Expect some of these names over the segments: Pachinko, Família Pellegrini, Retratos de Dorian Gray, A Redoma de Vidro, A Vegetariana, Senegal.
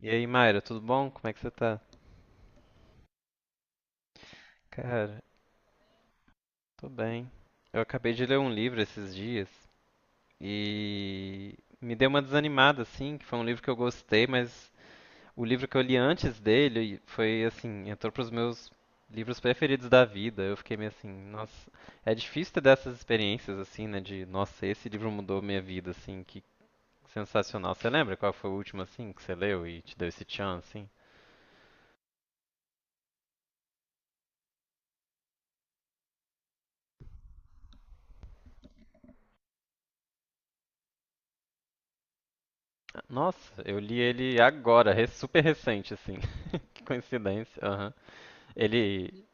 E aí, Mayra, tudo bom? Como é que você tá? Cara, tô bem. Eu acabei de ler um livro esses dias e me deu uma desanimada, assim, que foi um livro que eu gostei, mas o livro que eu li antes dele foi, assim, entrou pros meus livros preferidos da vida. Eu fiquei meio assim, nossa, é difícil ter dessas experiências, assim, né, nossa, esse livro mudou minha vida, assim, que sensacional. Você lembra qual foi o último, assim, que você leu e te deu esse tchan, assim? Nossa, eu li ele agora, super recente, assim. Coincidência, aham. Ele.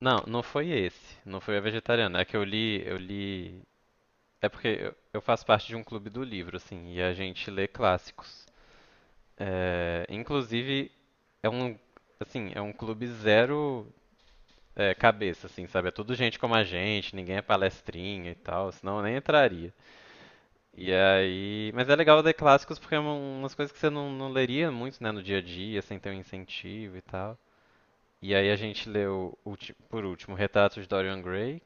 Não, não foi esse. Não foi a vegetariana. É que eu li, eu li. É porque eu faço parte de um clube do livro, assim, e a gente lê clássicos. É, inclusive, é um, assim, é um clube zero é, cabeça, assim, sabe? É tudo gente como a gente, ninguém é palestrinha e tal, senão eu nem entraria. E aí. Mas é legal ler clássicos porque é umas coisas que você não leria muito, né, no dia a dia, sem ter um incentivo e tal. E aí a gente leu, por último, Retratos de Dorian Gray,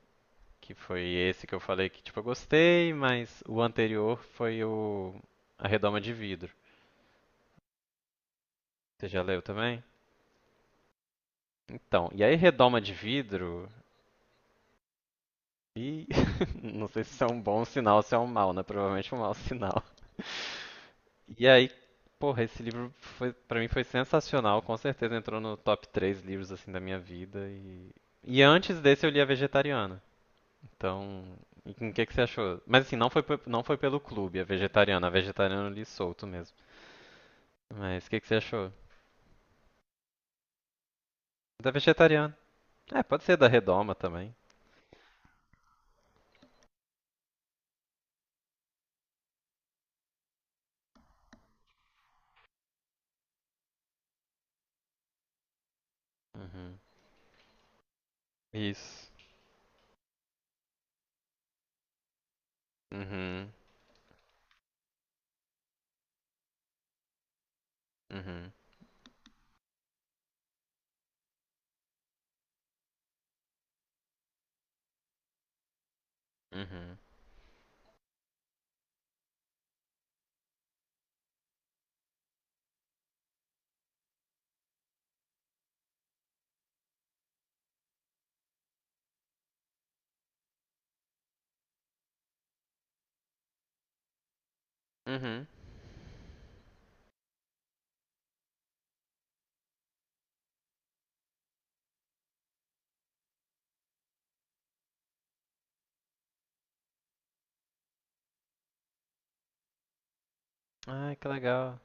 que foi esse que eu falei que, tipo, eu gostei, mas o anterior foi o A Redoma de Vidro. Você já leu também? Então, e aí Redoma de Vidro, e não sei se isso é um bom sinal ou se é um mau, né? Provavelmente um mau sinal. E aí, porra, esse livro foi, para mim foi sensacional, com certeza entrou no top 3 livros assim da minha vida e antes desse eu li A Vegetariana. Então, o que que você achou? Mas assim, não foi, não foi pelo clube, a vegetariana. A vegetariana eu li solto mesmo. Mas o que que você achou? Da vegetariana. É, pode ser da Redoma também. Uhum. Isso. Uhum. Uhum. Uhum. Uhum. Ai, que legal.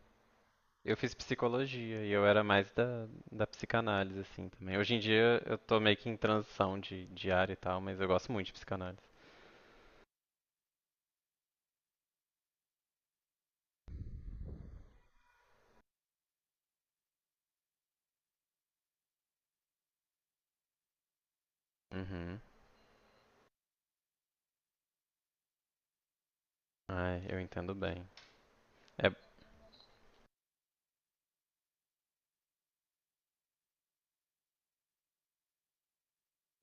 Eu fiz psicologia e eu era mais da, da psicanálise, assim, também. Hoje em dia eu tô meio que em transição de área e tal, mas eu gosto muito de psicanálise. Uhum. Ai, eu entendo bem. É,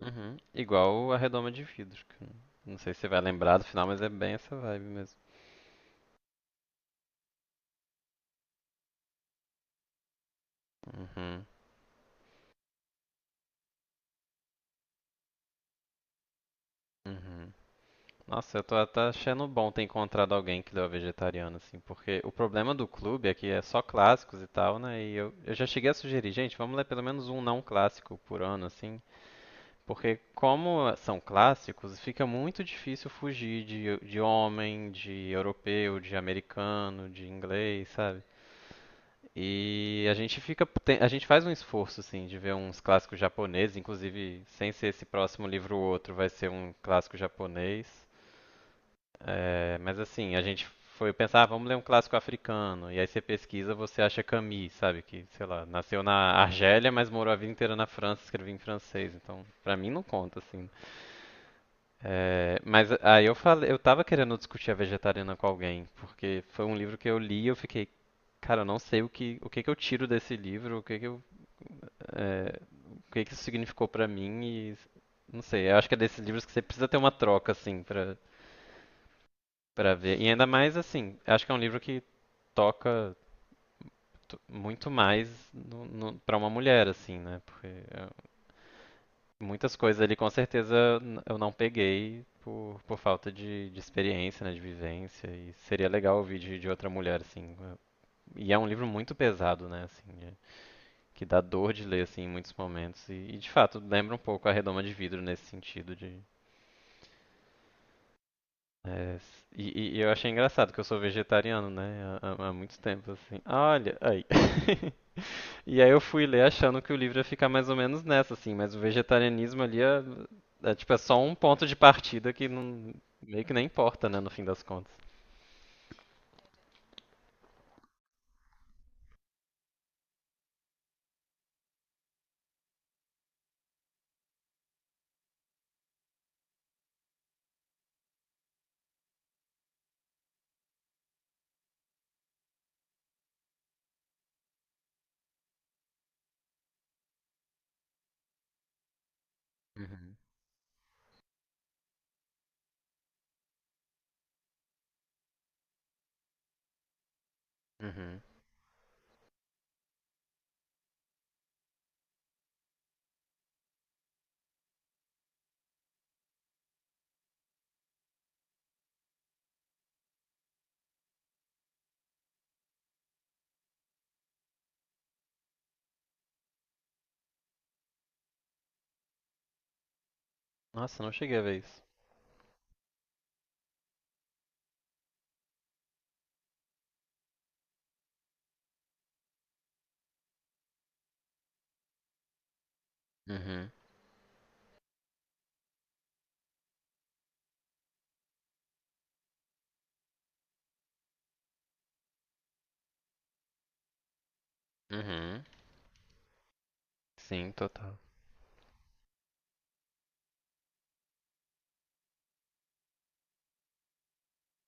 uhum. Igual a redoma de vidros. Que Não sei se você vai lembrar do final, mas é bem essa vibe mesmo. Uhum. Uhum. Nossa, eu tô até achando bom ter encontrado alguém que leu a vegetariana, assim, porque o problema do clube é que é só clássicos e tal, né? E eu já cheguei a sugerir, gente, vamos ler pelo menos um não clássico por ano, assim, porque como são clássicos, fica muito difícil fugir de homem, de europeu, de americano, de inglês, sabe? E a gente fica, a gente faz um esforço assim de ver uns clássicos japoneses, inclusive sem ser esse próximo livro ou outro, vai ser um clássico japonês. É, mas assim, a gente foi pensar, ah, vamos ler um clássico africano. E aí você pesquisa, você acha Camus, sabe? Que, sei lá, nasceu na Argélia, mas morou a vida inteira na França, escrevia em francês. Então, pra mim não conta, assim. É, mas aí eu falei, eu tava querendo discutir a vegetariana com alguém, porque foi um livro que eu li e eu fiquei, cara, eu não sei o que que eu tiro desse livro, o que que eu é, o que que isso significou pra mim e não sei, eu acho que é desses livros que você precisa ter uma troca assim pra para ver. E ainda mais assim, eu acho que é um livro que toca muito mais no, para uma mulher assim, né? Porque é, muitas coisas ali com certeza eu não peguei por falta de experiência, né, de vivência e seria legal ouvir de outra mulher assim. É, E é um livro muito pesado, né, assim. É que dá dor de ler assim em muitos momentos de fato lembra um pouco a redoma de vidro nesse sentido de é, eu achei engraçado que eu sou vegetariano né há muito tempo assim olha aí e aí eu fui ler achando que o livro ia ficar mais ou menos nessa assim mas o vegetarianismo ali é, é tipo é só um ponto de partida que não, meio que nem importa né no fim das contas. Uhum. Uhum. Nossa, não cheguei a ver isso. Uhum. Uhum. Sim, total.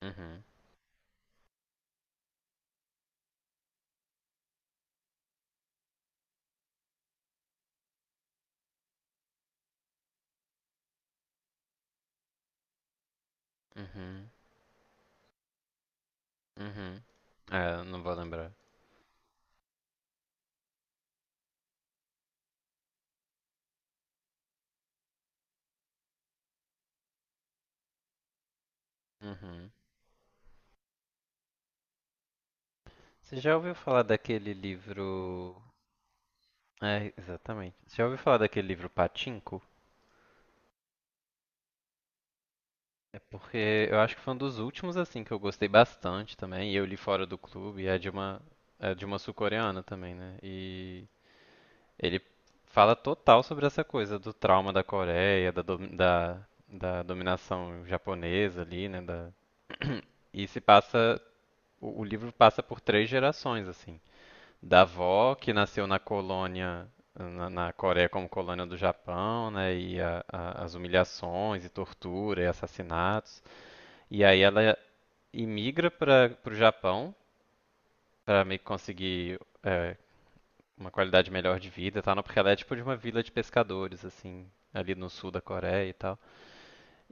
Uhum. Uhum. Uhum. É, eu não vou lembrar. Uhum. Você já ouviu falar daquele livro. É, exatamente. Você já ouviu falar daquele livro Pachinko? Porque eu acho que foi um dos últimos, assim, que eu gostei bastante também. E eu li fora do clube. É de uma sul-coreana também, né? E ele fala total sobre essa coisa do trauma da Coreia, da, da dominação japonesa ali, né? Da... E se passa. O livro passa por três gerações, assim. Da avó, que nasceu na colônia, na Coreia como colônia do Japão, né? E as humilhações e tortura e assassinatos. E aí ela imigra para o Japão para meio que conseguir é, uma qualidade melhor de vida, e tal, não? Porque ela é tipo de uma vila de pescadores, assim, ali no sul da Coreia e tal.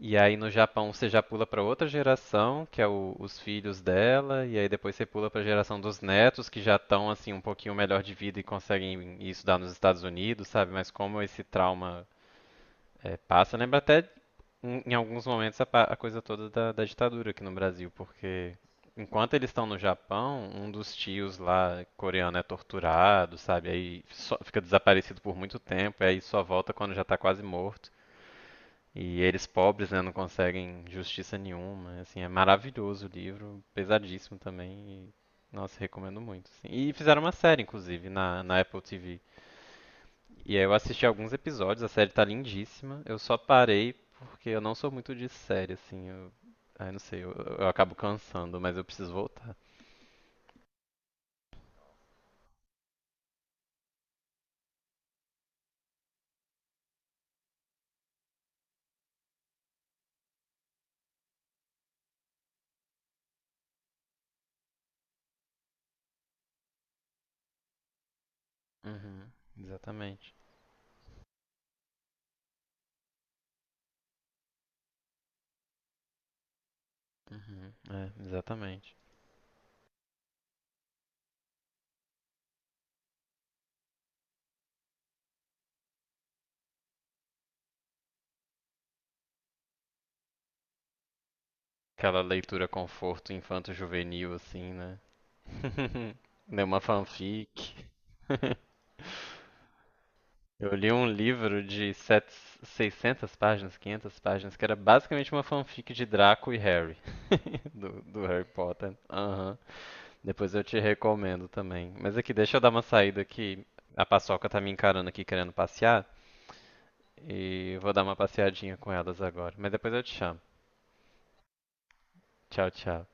E aí no Japão você já pula para outra geração, que é os filhos dela, e aí depois você pula para a geração dos netos, que já estão assim um pouquinho melhor de vida e conseguem ir estudar nos Estados Unidos, sabe? Mas como esse trauma eh, passa, lembra até em, em alguns momentos a, a coisa toda da ditadura aqui no Brasil, porque enquanto eles estão no Japão, um dos tios lá coreano é torturado, sabe? Aí fica desaparecido por muito tempo, e aí só volta quando já está quase morto. E eles pobres, né, não conseguem justiça nenhuma. Assim, é maravilhoso o livro, pesadíssimo também. E, nossa, recomendo muito assim. E fizeram uma série, inclusive, na Apple TV. E aí eu assisti alguns episódios, a série tá lindíssima. Eu só parei porque eu não sou muito de série, assim. Eu, ai, não sei, eu acabo cansando, mas eu preciso voltar. Uhum, exatamente. Uhum, é, exatamente. Aquela leitura conforto infanto-juvenil, assim, né? Deu uma fanfic. Eu li um livro de sete, 600 páginas, 500 páginas, que era basicamente uma fanfic de Draco e Harry, do Harry Potter. Aham. Depois eu te recomendo também. Mas aqui, deixa eu dar uma saída que a Paçoca tá me encarando aqui querendo passear, e eu vou dar uma passeadinha com elas agora. Mas depois eu te chamo. Tchau, tchau.